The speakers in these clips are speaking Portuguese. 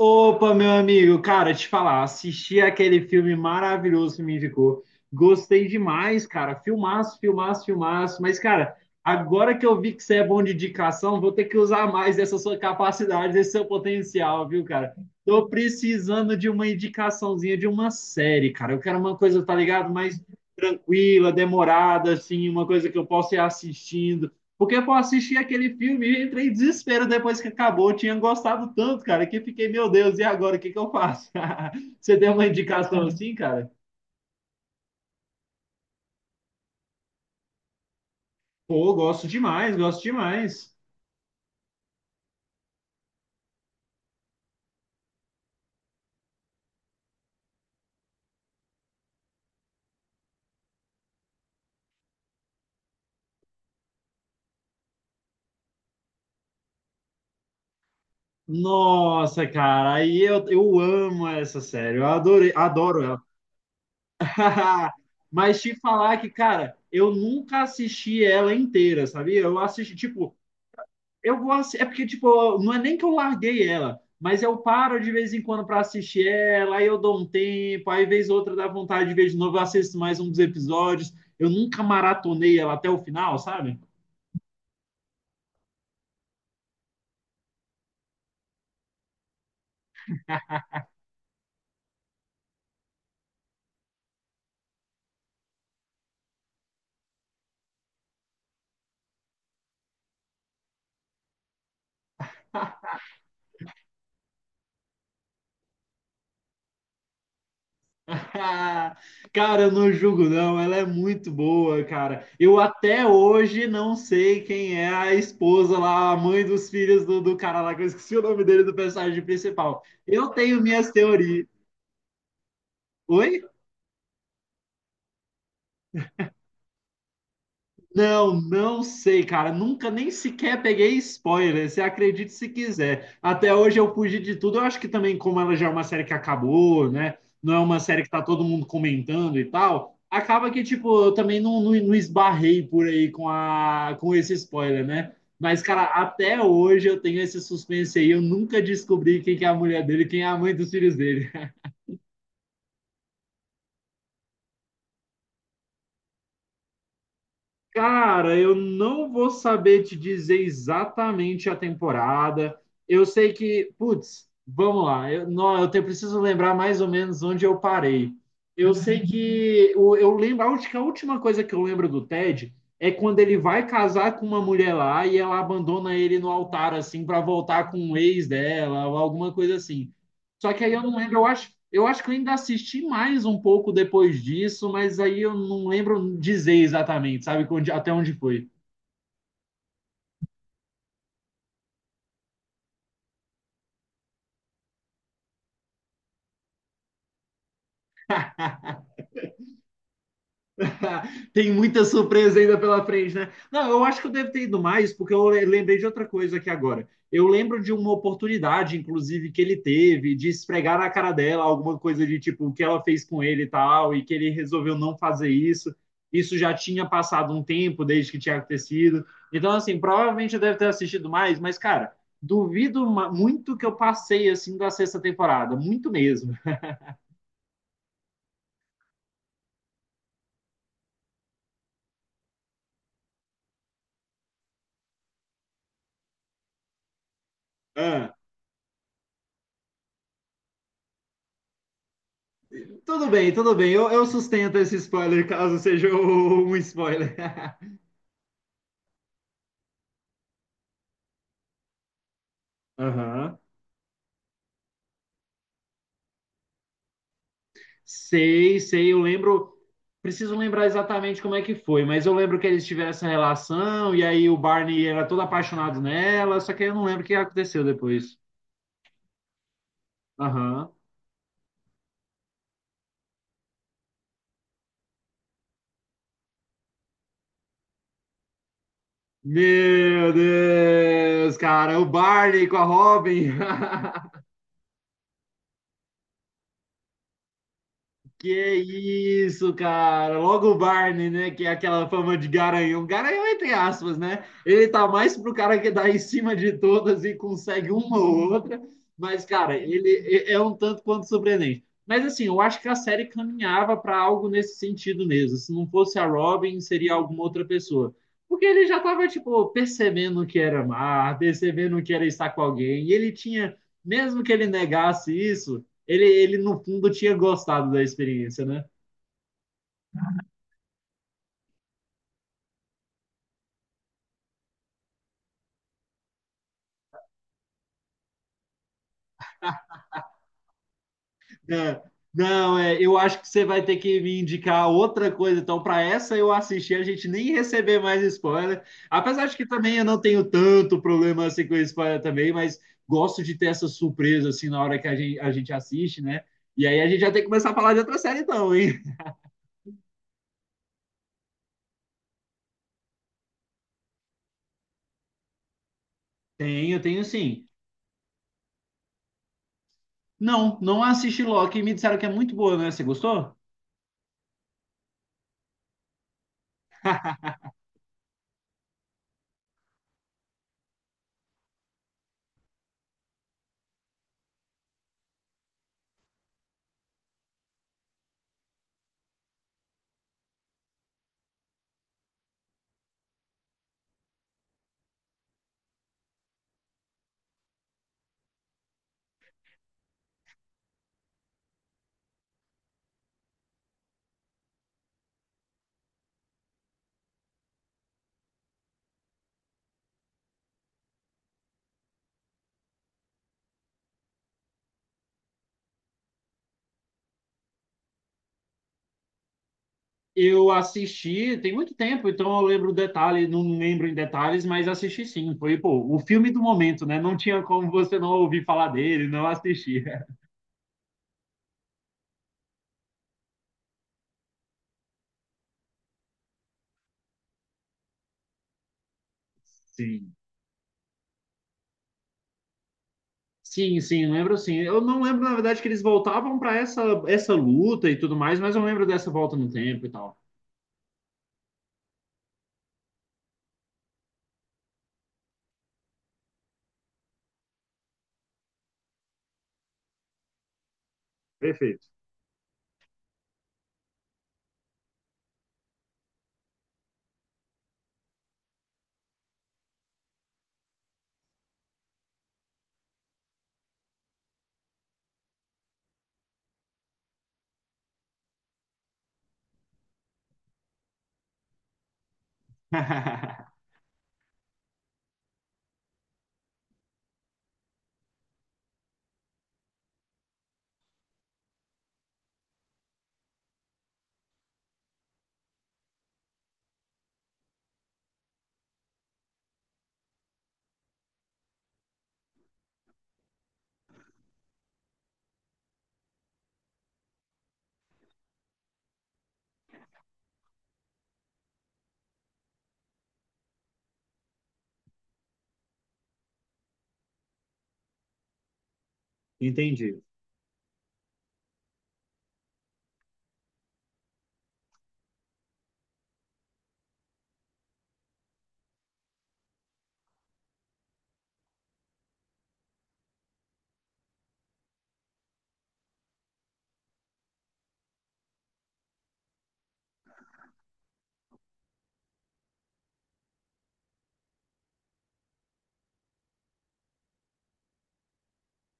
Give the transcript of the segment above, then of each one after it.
Opa, meu amigo, cara, te falar, assisti aquele filme maravilhoso que me indicou. Gostei demais, cara. Filmaço, filmaço, filmaço. Mas, cara, agora que eu vi que você é bom de indicação, vou ter que usar mais dessa sua capacidade, desse seu potencial, viu, cara? Tô precisando de uma indicaçãozinha de uma série, cara. Eu quero uma coisa, tá ligado? Mais tranquila, demorada, assim, uma coisa que eu possa ir assistindo. Porque eu assisti aquele filme e entrei em desespero depois que acabou. Eu tinha gostado tanto, cara, que fiquei, meu Deus, e agora o que que eu faço? Você tem uma indicação assim, cara? Pô, gosto demais, gosto demais. Nossa, cara, aí eu amo essa série, eu adorei, adoro ela. Mas te falar que, cara, eu nunca assisti ela inteira, sabia? Eu assisti, tipo, É porque, tipo, não é nem que eu larguei ela, mas eu paro de vez em quando para assistir ela, aí eu dou um tempo, aí vez ou outra dá vontade de ver de novo, eu assisto mais um dos episódios. Eu nunca maratonei ela até o final, sabe? Cara, eu não julgo, não. Ela é muito boa, cara. Eu até hoje não sei quem é a esposa lá, a mãe dos filhos do cara lá, que eu esqueci o nome dele do personagem principal. Eu tenho minhas teorias. Oi? Não, não sei, cara. Nunca nem sequer peguei spoiler. Você acredite se quiser. Até hoje eu fugi de tudo. Eu acho que também, como ela já é uma série que acabou, né? Não é uma série que tá todo mundo comentando e tal. Acaba que, tipo, eu também não esbarrei por aí com, a, com esse spoiler, né? Mas, cara, até hoje eu tenho esse suspense aí. Eu nunca descobri quem que é a mulher dele, quem é a mãe dos filhos dele. Cara, eu não vou saber te dizer exatamente a temporada. Eu sei que, putz, vamos lá. Eu, não, preciso lembrar mais ou menos onde eu parei. Eu sei que lembro, a última coisa que eu lembro do Ted é quando ele vai casar com uma mulher lá e ela abandona ele no altar assim para voltar com o ex dela ou alguma coisa assim. Só que aí eu não lembro, eu acho que eu ainda assisti mais um pouco depois disso, mas aí eu não lembro dizer exatamente, sabe, até onde foi. Tem muita surpresa ainda pela frente, né? Não, eu acho que eu devo ter ido mais, porque eu lembrei de outra coisa aqui agora. Eu lembro de uma oportunidade, inclusive, que ele teve de esfregar na cara dela alguma coisa de tipo o que ela fez com ele e tal, e que ele resolveu não fazer isso. Isso já tinha passado um tempo desde que tinha acontecido. Então, assim, provavelmente eu devo ter assistido mais, mas, cara, duvido muito que eu passei assim da sexta temporada, muito mesmo. Ah. Tudo bem, tudo bem. Eu sustento esse spoiler, caso seja um spoiler. Aham. Sei, sei, eu lembro. Preciso lembrar exatamente como é que foi, mas eu lembro que eles tiveram essa relação e aí o Barney era todo apaixonado nela, só que eu não lembro o que aconteceu depois. Aham. Meu Deus, cara, o Barney com a Robin. Que isso, cara. Logo o Barney, né? Que é aquela fama de garanhão. Garanhão, entre aspas, né? Ele tá mais pro cara que dá em cima de todas e consegue uma ou outra. Mas, cara, ele é um tanto quanto surpreendente. Mas, assim, eu acho que a série caminhava para algo nesse sentido mesmo. Se não fosse a Robin, seria alguma outra pessoa. Porque ele já tava, tipo, percebendo que era amar, percebendo que era estar com alguém. E ele tinha, mesmo que ele negasse isso no fundo, tinha gostado da experiência, né? É, não, é, eu acho que você vai ter que me indicar outra coisa. Então, para essa eu assistir, a gente nem receber mais spoiler. Apesar de que também eu não tenho tanto problema assim com spoiler também, mas gosto de ter essa surpresa assim na hora que a gente assiste, né? E aí a gente já tem que começar a falar de outra série, então, hein? Tenho, tenho sim. Não, não assisti Loki e me disseram que é muito boa, né? Você gostou? Eu assisti tem muito tempo, então eu lembro detalhes, não lembro em detalhes, mas assisti sim. Foi, pô, o filme do momento, né? Não tinha como você não ouvir falar dele, não assistir. Sim. Sim, sim, lembro sim. Eu não lembro, na verdade, que eles voltavam para essa luta e tudo mais, mas eu lembro dessa volta no tempo e tal. Perfeito. Entendi.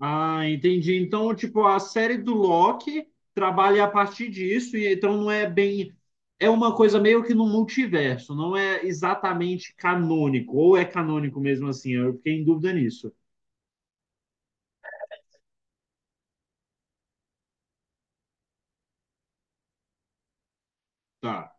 Ah, entendi. Então, tipo, a série do Loki trabalha a partir disso, e então não é bem. É uma coisa meio que no multiverso, não é exatamente canônico, ou é canônico mesmo assim, eu fiquei em dúvida nisso. Tá.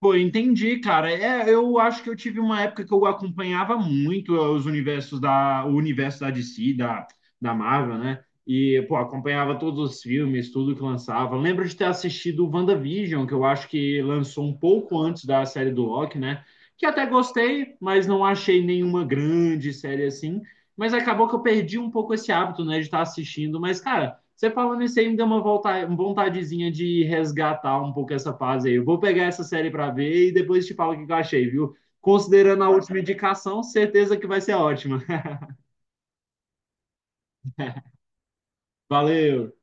Pô, entendi, cara. É, eu acho que eu tive uma época que eu acompanhava muito os universos o universo da DC, da Marvel, né? E, pô, acompanhava todos os filmes, tudo que lançava. Lembro de ter assistido o WandaVision, que eu acho que lançou um pouco antes da série do Loki, né? Que até gostei, mas não achei nenhuma grande série assim. Mas acabou que eu perdi um pouco esse hábito, né, de estar assistindo. Mas, cara. Você falando isso aí me deu uma vontadezinha de resgatar um pouco essa fase aí. Eu vou pegar essa série para ver e depois te falo o que eu achei, viu? Considerando a última indicação, certeza que vai ser ótima. Valeu!